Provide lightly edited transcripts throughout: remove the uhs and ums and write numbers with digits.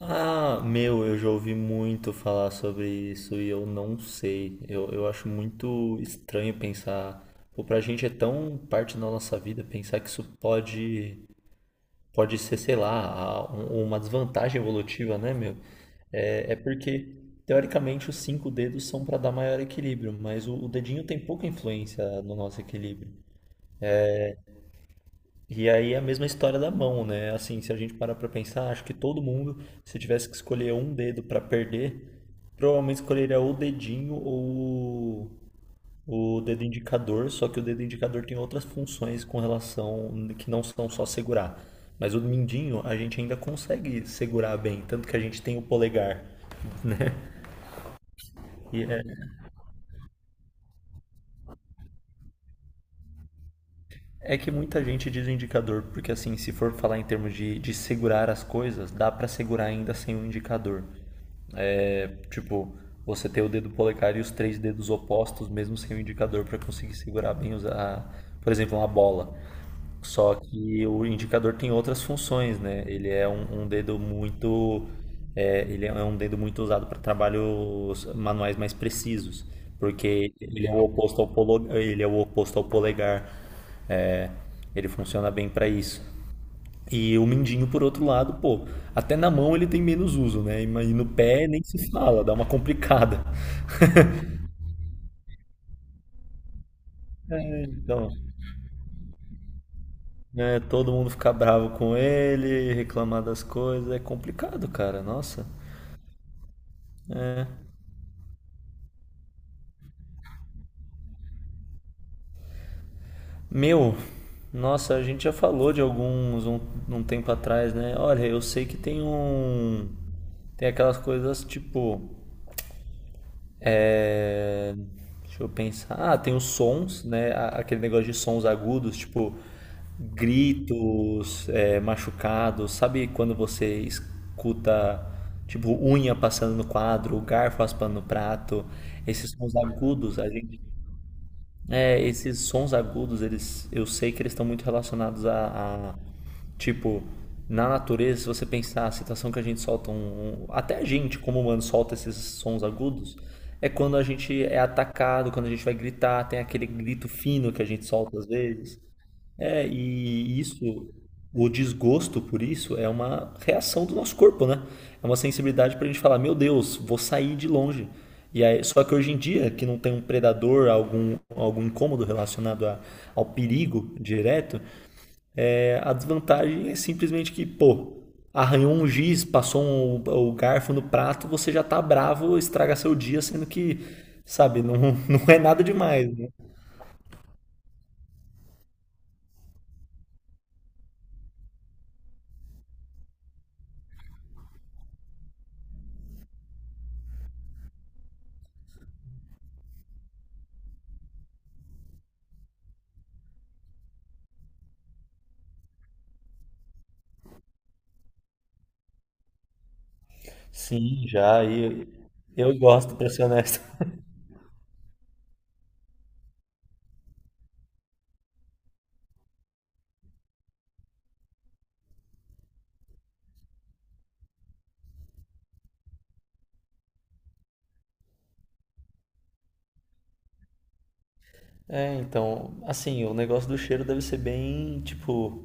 Ah, meu, eu já ouvi muito falar sobre isso e eu não sei. Eu acho muito estranho pensar. Pô, pra gente é tão parte da nossa vida pensar que pode ser, sei lá, uma desvantagem evolutiva, né, meu? É porque, teoricamente, os cinco dedos são para dar maior equilíbrio, mas o dedinho tem pouca influência no nosso equilíbrio. E aí é a mesma história da mão, né? Assim, se a gente parar pra pensar, acho que todo mundo, se tivesse que escolher um dedo pra perder, provavelmente escolheria ou o dedinho ou o dedo indicador, só que o dedo indicador tem outras funções com relação que não são só segurar. Mas o mindinho a gente ainda consegue segurar bem, tanto que a gente tem o polegar. E é, é que muita gente diz o indicador, porque assim, se for falar em termos de segurar as coisas, dá pra segurar ainda sem o indicador. É, tipo, você ter o dedo polegar e os três dedos opostos, mesmo sem o indicador, para conseguir segurar bem, por exemplo, uma bola. Só que o indicador tem outras funções, né? Ele é um dedo muito, é, ele é um dedo muito usado para trabalhos manuais mais precisos, porque ele é o oposto ao polo, ele é o oposto ao polegar. Ele funciona bem para isso. E o mindinho, por outro lado, pô, até na mão ele tem menos uso, né? E e no pé nem se fala, dá uma complicada. É, então, né, todo mundo ficar bravo com ele, reclamar das coisas, é complicado, cara, nossa. Meu, nossa, a gente já falou de um tempo atrás, né? Olha, eu sei que tem um. Tem aquelas coisas tipo. É, deixa eu pensar. Ah, tem os sons, né? Aquele negócio de sons agudos, tipo gritos, é, machucados. Sabe quando você escuta, tipo, unha passando no quadro, garfo raspando no prato? Esses sons agudos, a gente. É, esses sons agudos, eles, eu sei que eles estão muito relacionados tipo, na natureza, se você pensar a situação que a gente solta até a gente como humano solta esses sons agudos, é quando a gente é atacado, quando a gente vai gritar, tem aquele grito fino que a gente solta às vezes. É, e isso, o desgosto por isso é uma reação do nosso corpo, né? É uma sensibilidade pra gente falar, meu Deus, vou sair de longe. E aí, só que hoje em dia, que não tem um predador, algum incômodo relacionado ao perigo direto, é, a desvantagem é simplesmente que, pô, arranhou um giz, o garfo no prato, você já tá bravo, estraga seu dia, sendo que, sabe, não, não é nada demais, né? Sim, já, e eu gosto, pra ser honesto. É, então, assim, o negócio do cheiro deve ser bem, tipo,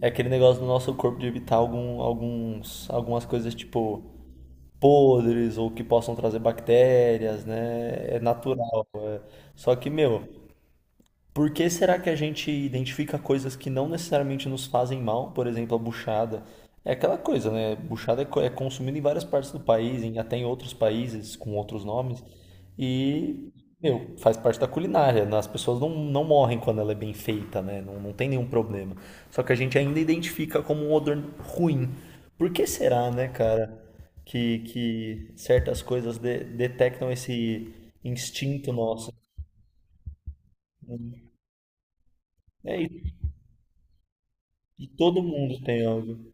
é aquele negócio do nosso corpo de evitar algumas coisas, tipo, podres ou que possam trazer bactérias, né? É natural. É. Só que, meu, por que será que a gente identifica coisas que não necessariamente nos fazem mal? Por exemplo, a buchada. É aquela coisa, né? Buchada é consumida em várias partes do país, até em outros países com outros nomes. E, meu, faz parte da culinária, né? As pessoas não morrem quando ela é bem feita, né? Não tem nenhum problema. Só que a gente ainda identifica como um odor ruim. Por que será, né, cara, que certas coisas detectam esse instinto nosso? É isso. E todo mundo tem algo.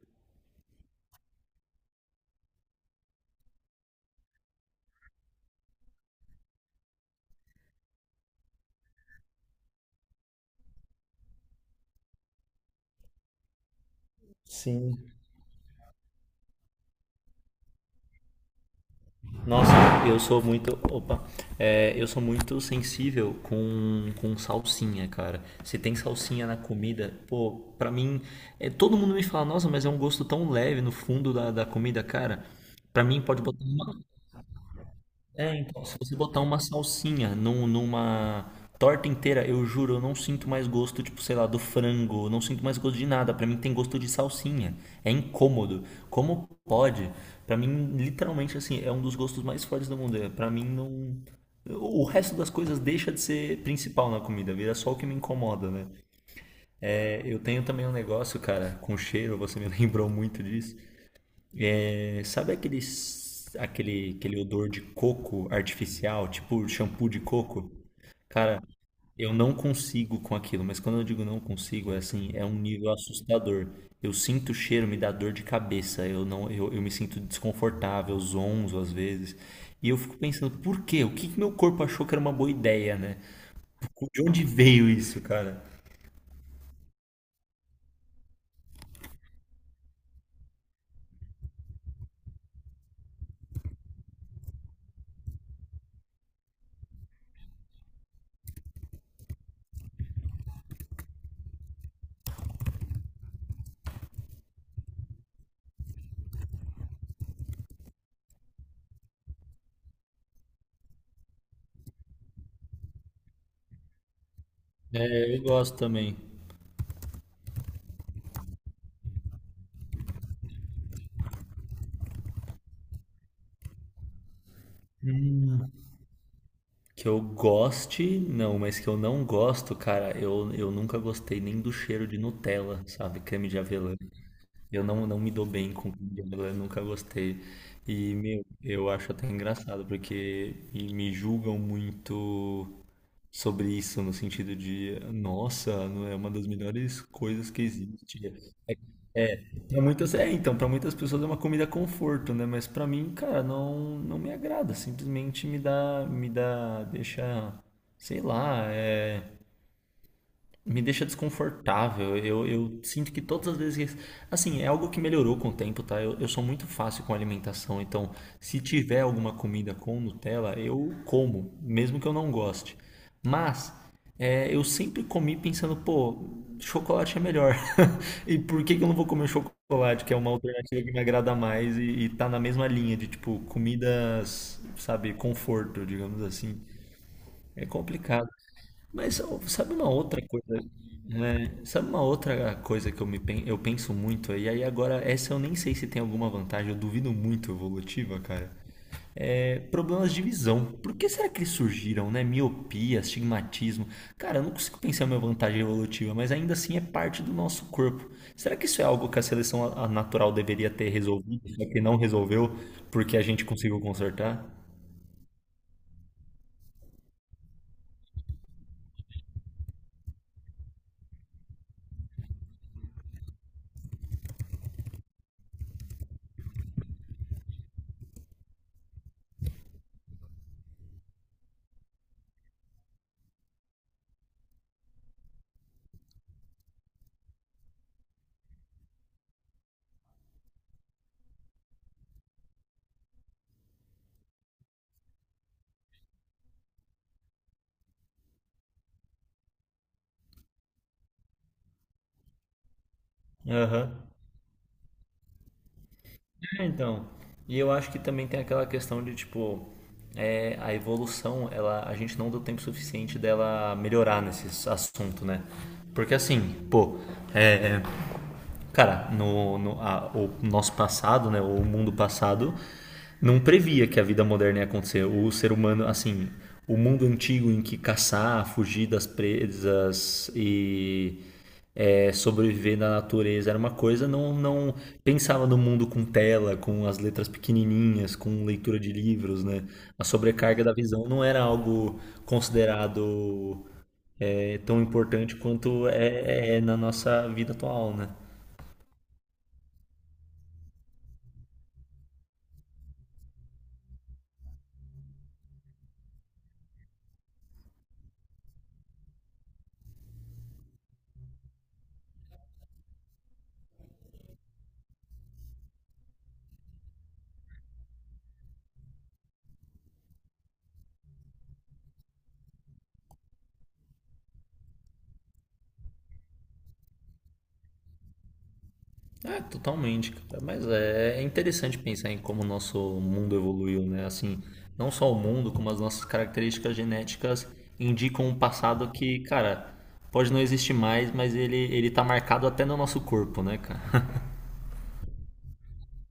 Sim. Nossa, eu sou muito. Opa. É, eu sou muito sensível com salsinha, cara. Se tem salsinha na comida, pô, pra mim. É, todo mundo me fala, nossa, mas é um gosto tão leve no fundo da comida, cara. Pra mim, pode botar uma. É, então, se você botar uma salsinha numa torta inteira, eu juro, eu não sinto mais gosto, tipo, sei lá, do frango, eu não sinto mais gosto de nada. Pra mim tem gosto de salsinha. É incômodo. Como pode? Pra mim, literalmente, assim, é um dos gostos mais fortes do mundo. É, pra mim, não. O resto das coisas deixa de ser principal na comida, vira só o que me incomoda, né? É, eu tenho também um negócio, cara, com cheiro, você me lembrou muito disso. É, sabe aquele odor de coco artificial, tipo shampoo de coco? Cara, eu não consigo com aquilo, mas quando eu digo não consigo, é assim, é um nível assustador. Eu sinto o cheiro, me dá dor de cabeça, eu não, eu me sinto desconfortável, zonzo às vezes. E eu fico pensando, por quê? O que que meu corpo achou que era uma boa ideia, né? De onde veio isso, cara? É, eu gosto também. Que eu goste, não, mas que eu não gosto, cara, eu nunca gostei nem do cheiro de Nutella, sabe? Creme de avelã. Eu não me dou bem com creme de avelã, nunca gostei. E, meu, eu acho até engraçado, porque me julgam muito sobre isso, no sentido de, nossa, não é uma das melhores coisas que existe. Pra muitas, é, então, para muitas pessoas é uma comida conforto, né? Mas pra mim, cara, não me agrada. Simplesmente deixa, sei lá, é, me deixa desconfortável. Eu sinto que todas as vezes. Assim, é algo que melhorou com o tempo, tá? Eu sou muito fácil com alimentação, então se tiver alguma comida com Nutella, eu como, mesmo que eu não goste. Mas é, eu sempre comi pensando, pô, chocolate é melhor. E por que que eu não vou comer chocolate, que é uma alternativa que me agrada mais e tá na mesma linha de, tipo, comidas, sabe, conforto, digamos assim. É complicado. Mas ó, sabe uma outra coisa? É, sabe uma outra coisa que eu, me, eu penso muito? E aí agora, essa eu nem sei se tem alguma vantagem, eu duvido muito evolutiva, cara. É, problemas de visão. Por que será que eles surgiram, né? Miopia, astigmatismo. Cara, eu não consigo pensar em uma vantagem evolutiva, mas ainda assim é parte do nosso corpo. Será que isso é algo que a seleção a natural deveria ter resolvido, só que não resolveu porque a gente conseguiu consertar? Aham. É, então. E eu acho que também tem aquela questão de, tipo, é, a evolução, ela, a gente não deu tempo suficiente dela melhorar nesse assunto, né? Porque assim, pô, é, cara, no, no a- o nosso passado, né, o mundo passado, não previa que a vida moderna ia acontecer. O ser humano, assim, o mundo antigo em que caçar, fugir das presas e é, sobreviver na natureza era uma coisa, não pensava no mundo com tela, com as letras pequenininhas, com leitura de livros, né? A sobrecarga da visão não era algo considerado é, tão importante quanto é é na nossa vida atual, né? É, totalmente, cara. Mas é, é interessante pensar em como o nosso mundo evoluiu, né? Assim, não só o mundo, como as nossas características genéticas indicam um passado que, cara, pode não existir mais, mas ele tá marcado até no nosso corpo, né, cara?